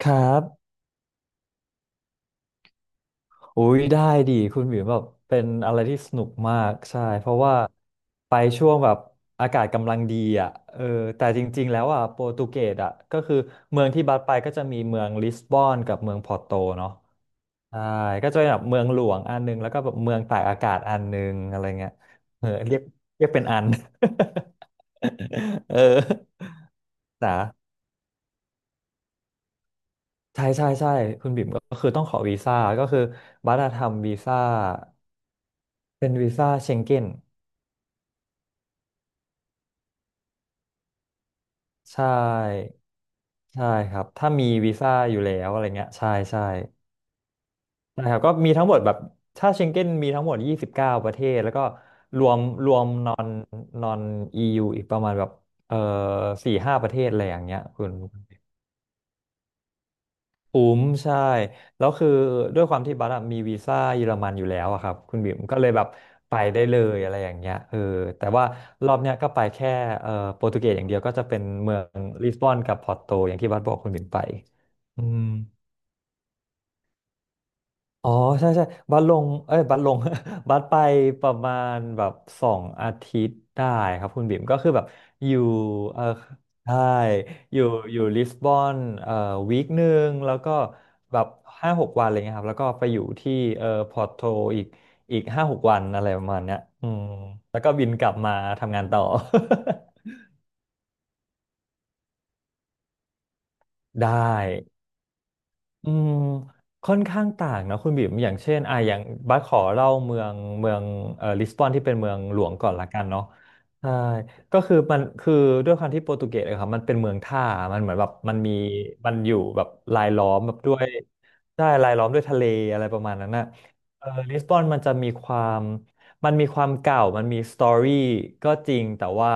ครับอุ้ยได้ดีคุณหมิวแบบเป็นอะไรที่สนุกมากใช่เพราะว่าไปช่วงแบบอากาศกำลังดีอ่ะเออแต่จริงๆแล้วอ่ะโปรตุเกสอ่ะก็คือเมืองที่บัสไปก็จะมีเมืองลิสบอนกับเมืองพอร์โตเนาะใช่ก็จะเป็นแบบเมืองหลวงอันนึงแล้วก็แบบเมืองตากอากาศอันนึงอะไรเงี้ยเออเรียกเป็นอัน เออนะใช่ใช่ใช่คุณบิ่มก็คือต้องขอวีซ่าก็คือบัตรทำวีซ่า เป็นวีซ่าเชงเก้นใช่ใช่ครับถ้ามีวีซ่าอยู่แล้วอะไรเงี้ยใช่ใช่นะครับก็มีทั้งหมดแบบถ้าเชงเก้นมีทั้งหมด29ประเทศแล้วก็รวมรวมนอนนอนอีอีกประมาณแบบเอ่อ4-5 ประเทศอะไรอย่างเงี้ยคุณ คุ้มใช่แล้วคือด้วยความที่บัสอะมีวีซ่าเยอรมันอยู่แล้วอะครับคุณบิ๋มก็เลยแบบไปได้เลยอะไรอย่างเงี้ยเออแต่ว่ารอบเนี้ยก็ไปแค่โปรตุเกสอย่างเดียวก็จะเป็นเมืองลิสบอนกับพอร์โตอย่างที่บัสบอกคุณบิ๋มไปอืม อ๋อใช่ใช่บัสลงเอ้ยบัสลง บัสไปประมาณแบบ2 อาทิตย์ได้ครับคุณบิ่มก็คือแบบอยู่เออใช่อยู่อยู่ลิสบอนเอ่อ1 วีคแล้วก็แบบห้าหกวันอะไรเงี้ยครับแล้วก็ไปอยู่ที่พอร์โตอีกอีกห้าหกวันอะไรประมาณเนี้ยอืมแล้วก็บินกลับมาทำงานต่อ ได้ อืมค่อนข้างต่างนะคุณบิ่มอย่างเช่นอ่ะอย่างบัสขอเล่าเมืองลิสบอนที่เป็นเมืองหลวงก่อนละกันเนาะใช่ก็คือมันคือด้วยความที่โปรตุเกสอะครับมันเป็นเมืองท่ามันเหมือนแบบมันมีมันอยู่แบบรายล้อมแบบด้วยใช่รายล้อมด้วยทะเลอะไรประมาณนั้นนะเออลิสบอนมันมีความเก่ามันมีสตอรี่ก็จริงแต่ว่า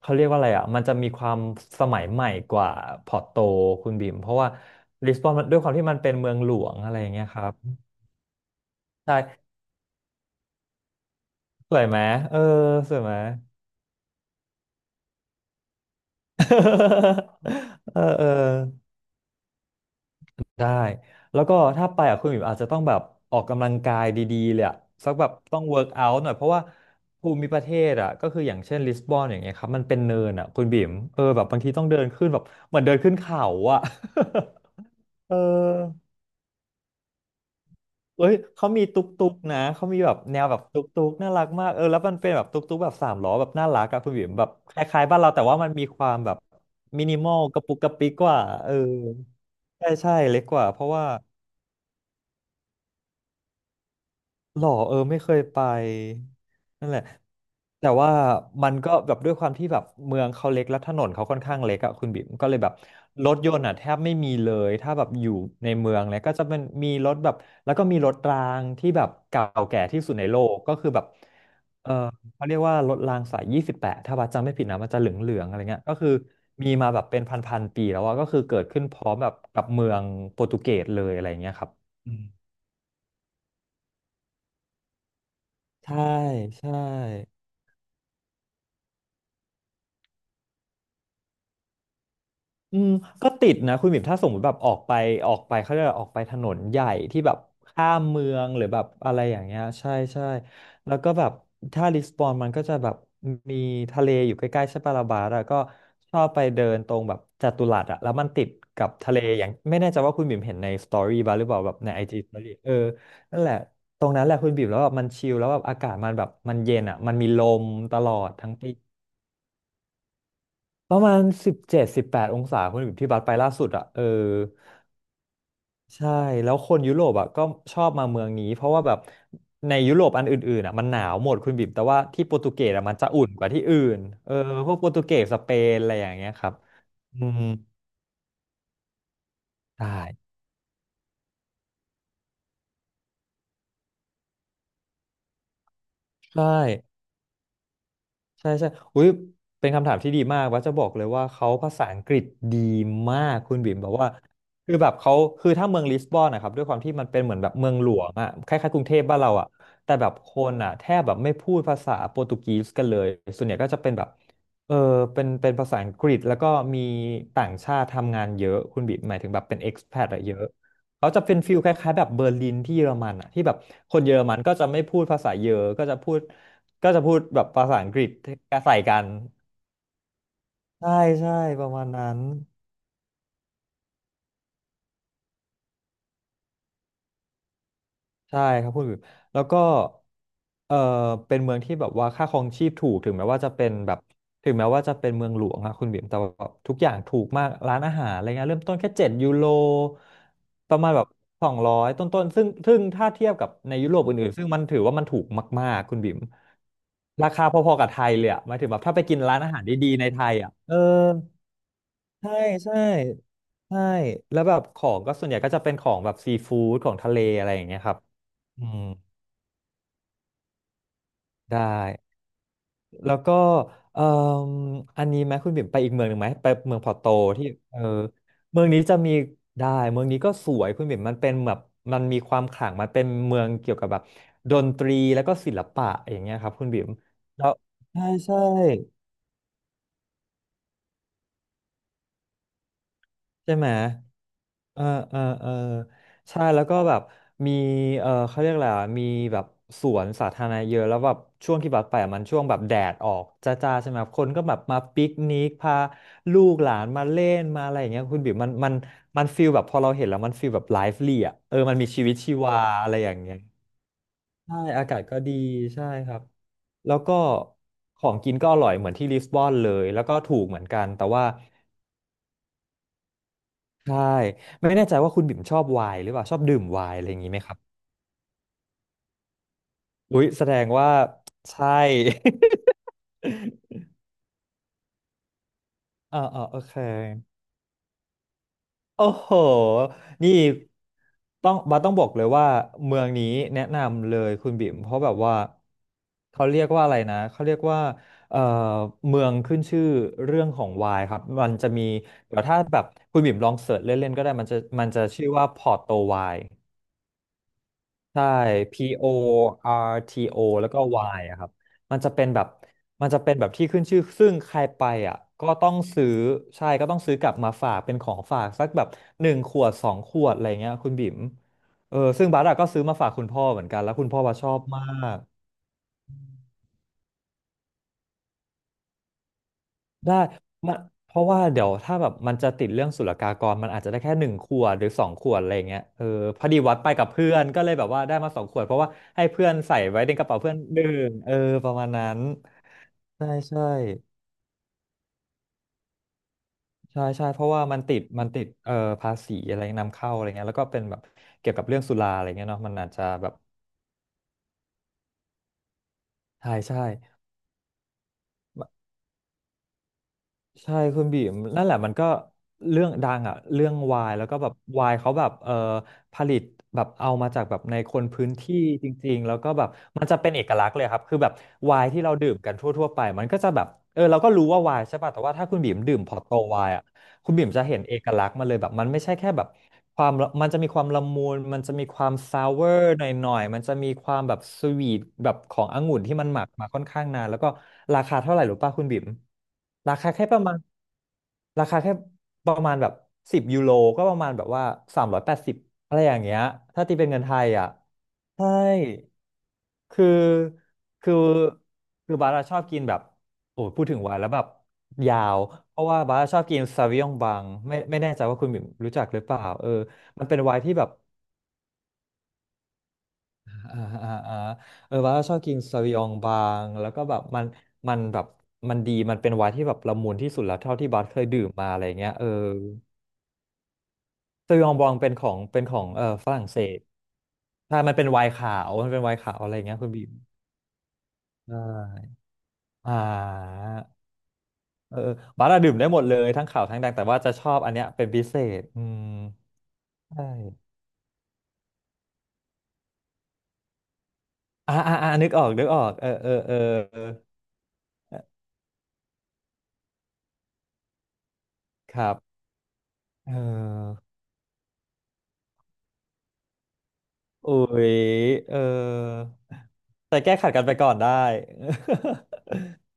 เขาเรียกว่าอะไรอ่ะมันจะมีความสมัยใหม่กว่าพอร์โตคุณบิมเพราะว่าลิสบอนมันด้วยความที่มันเป็นเมืองหลวงอะไรอย่างเงี้ยครับใช่สวยไหมเออสวยไหม เออเออได้แล้วก็ถ้าไปอ่ะคุณบิมอาจจะต้องแบบออกกำลังกายดีๆเลยอ่ะสักแบบต้องเวิร์กเอาท์หน่อยเพราะว่าภูมิประเทศอ่ะก็คืออย่างเช่นลิสบอนอย่างเงี้ยครับมันเป็นเนินอ่ะคุณบิมเออแบบบางทีต้องเดินขึ้นแบบเหมือนเดินขึ้นเขาอ่ะ เออ เอ้ย เขามีตุ๊กตุ๊กนะเขามีแบบแนวแบบตุ๊กตุ๊กน่ารักมากเออแล้วมันเป็นแบบตุ๊กตุ๊กแบบสามล้อแบบน่ารักอะคุณบิ๋มแบบคล้ายๆบ้านเราแต่ว่ามันมีความแบบมินิมอลกระปุกกระปิกกว่าเออใช่ใช่เล็กกว่าเพราะว่า หรอเออไม่เคยไปนั่นแหละแต่ว่ามันก็แบบด้วยความที่แบบเมืองเขาเล็กแล้วถนนเขาค่อนข้างเล็กอะคุณบิ๊มก็เลยแบบรถยนต์อะแทบไม่มีเลยถ้าแบบอยู่ในเมืองเลยก็จะเป็นมีรถแบบแล้วก็มีรถรางที่แบบเก่าแก่ที่สุดในโลกก็คือแบบเออเขาเรียกว่ารถรางสาย 28ถ้าบัดจำไม่ผิดนะมันจะเหลืองๆอะไรเงี้ยก็คือมีมาแบบเป็นพันๆปีแล้วอะก็คือเกิดขึ้นพร้อมแบบกับเมืองโปรตุเกสเลยอะไรเงี้ยครับอืมใช่ใช่ อืมก็ติดนะคุณหมิมถ้าสมมติแบบออกไปเขาจะออกไปถนนใหญ่ที่แบบข้ามเมืองหรือแบบอะไรอย่างเงี้ยใช่ใช่แล้วก็แบบถ้าลิสบอนมันก็จะแบบมีทะเลอยู่ใกล้ๆใช่ปะลาบาร์อะก็ชอบไปเดินตรงแบบจัตุรัสอะแล้วมันติดกับทะเลอย่างไม่แน่ใจว่าคุณบิ่มเห็นในสตอรี่บ้างหรือเปล่าแบบในไอจีสตอรี่เออนั่นแหละตรงนั้นแหละคุณบิ่มแล้วแบบมันชิลแล้วแบบอากาศมันแบบมันเย็นอะมันมีลมตลอดทั้งปี ประมาณ17-18 องศาคุณที่บัสไปล่าสุดอ่ะเออใช่แล้วคนยุโรปอ่ะก็ชอบมาเมืองนี้เพราะว่าแบบในยุโรปอันอื่นๆอ่ะมันหนาวหมดคุณบิ่มแต่ว่าที่โปรตุเกสอ่ะมันจะอุ่นกว่าที่อื่นเออพวกโปรตุเกสสเปนอะไรอย่างเงี้ยครับอืมใช่ใช่ ใช่ใช่อุ้ยเป็นคำถามที่ดีมากว่าจะบอกเลยว่าเขาภาษาอังกฤษดีมากคุณบิ่มแบบว่าคือแบบเขาคือถ้าเมืองลิสบอนนะครับด้วยความที่มันเป็นเหมือนแบบเมืองหลวงอะคล้ายๆกรุงเทพบ้านเราอะแต่แบบคนอะแทบแบบไม่พูดภาษาโปรตุเกสกันเลยส่วนใหญ่ก็จะเป็นแบบเออเป็นภาษาอังกฤษแล้วก็มีต่างชาติทำงานเยอะคุณบิ่มหมายถึงแบบเป็นเอ็กซ์แพอะเยอะเขาจะเป็นฟิลคล้ายๆแบบเบอร์ลินที่เยอรมันอะที่แบบคนเยอรมันก็จะไม่พูดภาษาเยอรก็จะพูด ก็จะพูดแบบภาษาอังกฤษใส่กันใช่ใช่ประมาณนั้นใช่ครับพูดอยู่แล้วก็เออเป็นเมืองที่แบบว่าค่าครองชีพถูกถึงแม้ว่าจะเป็นแบบถึงแม้ว่าจะเป็นเมืองหลวงอะคุณบิ่มแต่ว่าแบบทุกอย่างถูกมากร้านอาหารอะไรเงี้ยเริ่มต้นแค่7 ยูโรประมาณแบบ200 ต้นๆซึ่งถ้าเทียบกับในยุโรปอื่นๆซึ่งมันถือว่ามันถูกมากๆคุณบิ่มราคาพอๆกับไทยเลยอะหมายถึงแบบถ้าไปกินร้านอาหารดีๆในไทยอะเออ ใช่ใช่ใช่แล้วแบบของก็ส่วนใหญ่ก็จะเป็นของแบบซีฟู้ดของทะเลอะไรอย่างเงี้ยครับอืมได้แล้วก็เอ่มอันนี้ไหมคุณบิ่มไปอีกเมืองหนึ่งไหมไปเมืองพอร์โตที่เออเมืองนี้จะมีได้เมืองนี้ก็สวยคุณบิ่มมันเป็นแบบมันมีความขลังมันเป็นเมืองเกี่ยวกับแบบดนตรีแล้วก็ศิลปะอย่างเงี้ยครับคุณบิ่มแล้วใช่ใช่ ใช่ไหมเออเออเออใช่แล้วก็แบบมีเออเขาเรียกอะไรอะมีแบบสวนสาธารณะเยอะแล้วแบบช่วงที่แบบไปอะมันช่วงแบบแดดออกจ้าๆใช่ไหมคนก็แบบมาปิกนิกพาลูกหลานมาเล่นมาอะไรอย่างเงี้ยคุณบิ๋มมันฟีลแบบพอเราเห็นแล้วมันฟีลแบบไลฟ์ลี่อ่ะเออมันมีชีวิตชีวาอะไรอย่างเงี้ยใช่อากาศก็ดีใช่ครับแล้วก็ของกินก็อร่อย เหมือนที่ลิสบอนเลยแล้วก็ถูกเหมือนกันแต่ว่า ใช่ไม่แน่ใจว่าคุณบิ่มชอบไวน์หรือเปล่าชอบดื่มไวน์อะไรอย่างนี้ไหมครับอุ๊ยแสดงว่าใช่ อ่าอ่าโอเคโอ้โหนี่ต้องบอกเลยว่าเมืองนี้แนะนำเลยคุณบิ่มเพราะแบบว่าเขาเรียกว่าอะไรนะเขาเรียกว่าเอ่อเมืองขึ้นชื่อเรื่องของไวน์ครับมันจะมีเดี๋ยวถ้าแบบคุณบิ่มลองเสิร์ชเล่นๆก็ได้มันจะชื่อว่าพอร์โตไวน์ ใช่ PORTO แล้วก็ Y อะครับมันจะเป็นแบบมันจะเป็นแบบที่ขึ้นชื่อซึ่งใครไปอ่ะ ก็ต้องซื้อ ใช่ก็ต้องซื้อกลับมาฝากเป็นของฝากสักแบบหนึ่งขวดสองขวดอะไรเงี้ยคุณบิ๋มเออซึ่งบาร์ดอะก็ซื้อมาฝากคุณพ่อเหมือนกัน แล้วคุณพ่อว่าชอบมากได้มันเพราะว่าเดี๋ยวถ้าแบบมันจะติดเรื่องศุลกากรมันอาจจะได้แค่หนึ่งขวดหรือสองขวดอะไรเงี้ยเออพอดีวัดไปกับเพื่อนก็เลยแบบว่าได้มาสองขวดเพราะว่าให้เพื่อนใส่ไว้ในกระเป๋าเพื่อนดื่มเออประมาณนั้น ใช่ใช่ใช่ใช่เพราะว่ามันติดภาษีอะไรนำเข้าอะไรเงี้ยแล้วก็เป็นแบบเกี่ยวกับเรื่องสุราอะไรเงี้ยเนาะมันอาจจะแบบใช่ใช่ใช่คุณบีมนั่นแหละมันก็เรื่องดังอ่ะเรื่องวายแล้วก็แบบวายเขาแบบผลิตแบบเอามาจากแบบในคนพื้นที่จริงๆแล้วก็แบบมันจะเป็นเอกลักษณ์เลยครับคือแบบวายที่เราดื่มกันทั่วๆไปมันก็จะแบบเออเราก็รู้ว่าวายใช่ป่ะแต่ว่าถ้าคุณบีมดื่มพอร์โตวายอะ คุณบิ่มจะเห็นเอกลักษณ์มาเลยแบบมันไม่ใช่แค่แบบความมันจะมีความละมุนมันจะมีความซาวเวอร์หน่อยๆมันจะมีความแบบสวีทแบบขององุ่นที่มันหมักมาค่อนข้างนานแล้วก็ราคาเท่าไหร่หรือป่ะคุณบิ่มราคาแค่ประมาณราคาแค่ประมาณแบบ10 ยูโรก็ประมาณแบบว่า380อะไรอย่างเงี้ยถ้าตีเป็นเงินไทยอ่ะใช่ คือคือคือบาร์ชอบกินแบบโอ้ยพูดถึงไวน์แล้วแบบยาวเพราะว่าบาร์ชอบกินซาวิยองบางไม่แน่ใจว่าคุณบิ่มรู้จักหรือเปล่าเออมันเป็นไวน์ที่แบบอ่าอ่าอ่าเออบาร์ชอบกินซาวิยองบางแล้วก็แบบมันแบบมันดีมันเป็นไวน์ที่แบบละมุนที่สุดแล้วเท่าที่บาร์เคยดื่มมาอะไรเงี้ยเออซาวิยองบางเป็นของฝรั่งเศสใช่มันเป็นไวน์ขาวมันเป็นไวน์ขาวอะไรเงี้ยคุณบิ่มใช่อ่า เออบาร์อะดื่มได้หมดเลยทั้งขาวทั้งแดงแต่ว่าจะชอบอันเนี้ยเป็นพิเศษอืมใช่อ่าอ่าอ่านึกออกนึกออกเออเออเออเออครับเอออุ้ยเออแต่แก้ขัดกันไปก่อนได้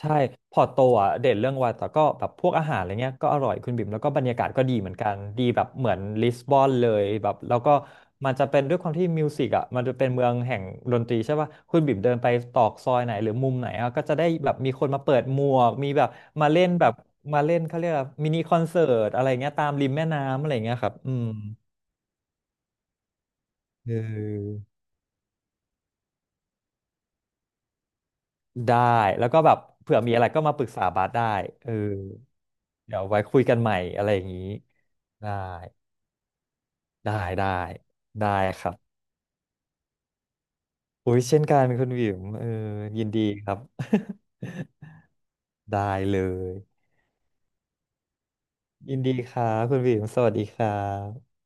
ใช่พอร์ตโตอ่ะเด่นเรื่องวาแต่ก็แบบพวกอาหารอะไรเงี้ยก็อร่อยคุณบิ่มแล้วก็บรรยากาศก็ดีเหมือนกันดีแบบเหมือนลิสบอนเลยแบบแล้วก็มันจะเป็นด้วยความที่มิวสิกอ่ะมันจะเป็นเมืองแห่งดนตรีใช่ป่ะคุณบิ่มเดินไปตรอกซอยไหนหรือมุมไหนอ่ะก็จะได้แบบมีคนมาเปิดหมวกมีแบบมาเล่นแบบมาเล่นเขาเรียกว่ามินิคอนเสิร์ตอะไรเงี้ยตามริมแม่น้ำอะไรเงี้ยครับอืมเออได้แล้วก็แบบเผื่อมีอะไรก็มาปรึกษาบาสได้เออเดี๋ยวไว้คุยกันใหม่อะไรอย่างนี้ได้ ได้ได้ได้ครับอุ้ยเช่นกันคุณวิมเออยินดีครับ ได้เลยยินดีครับคุณวิมสวัสดีครับ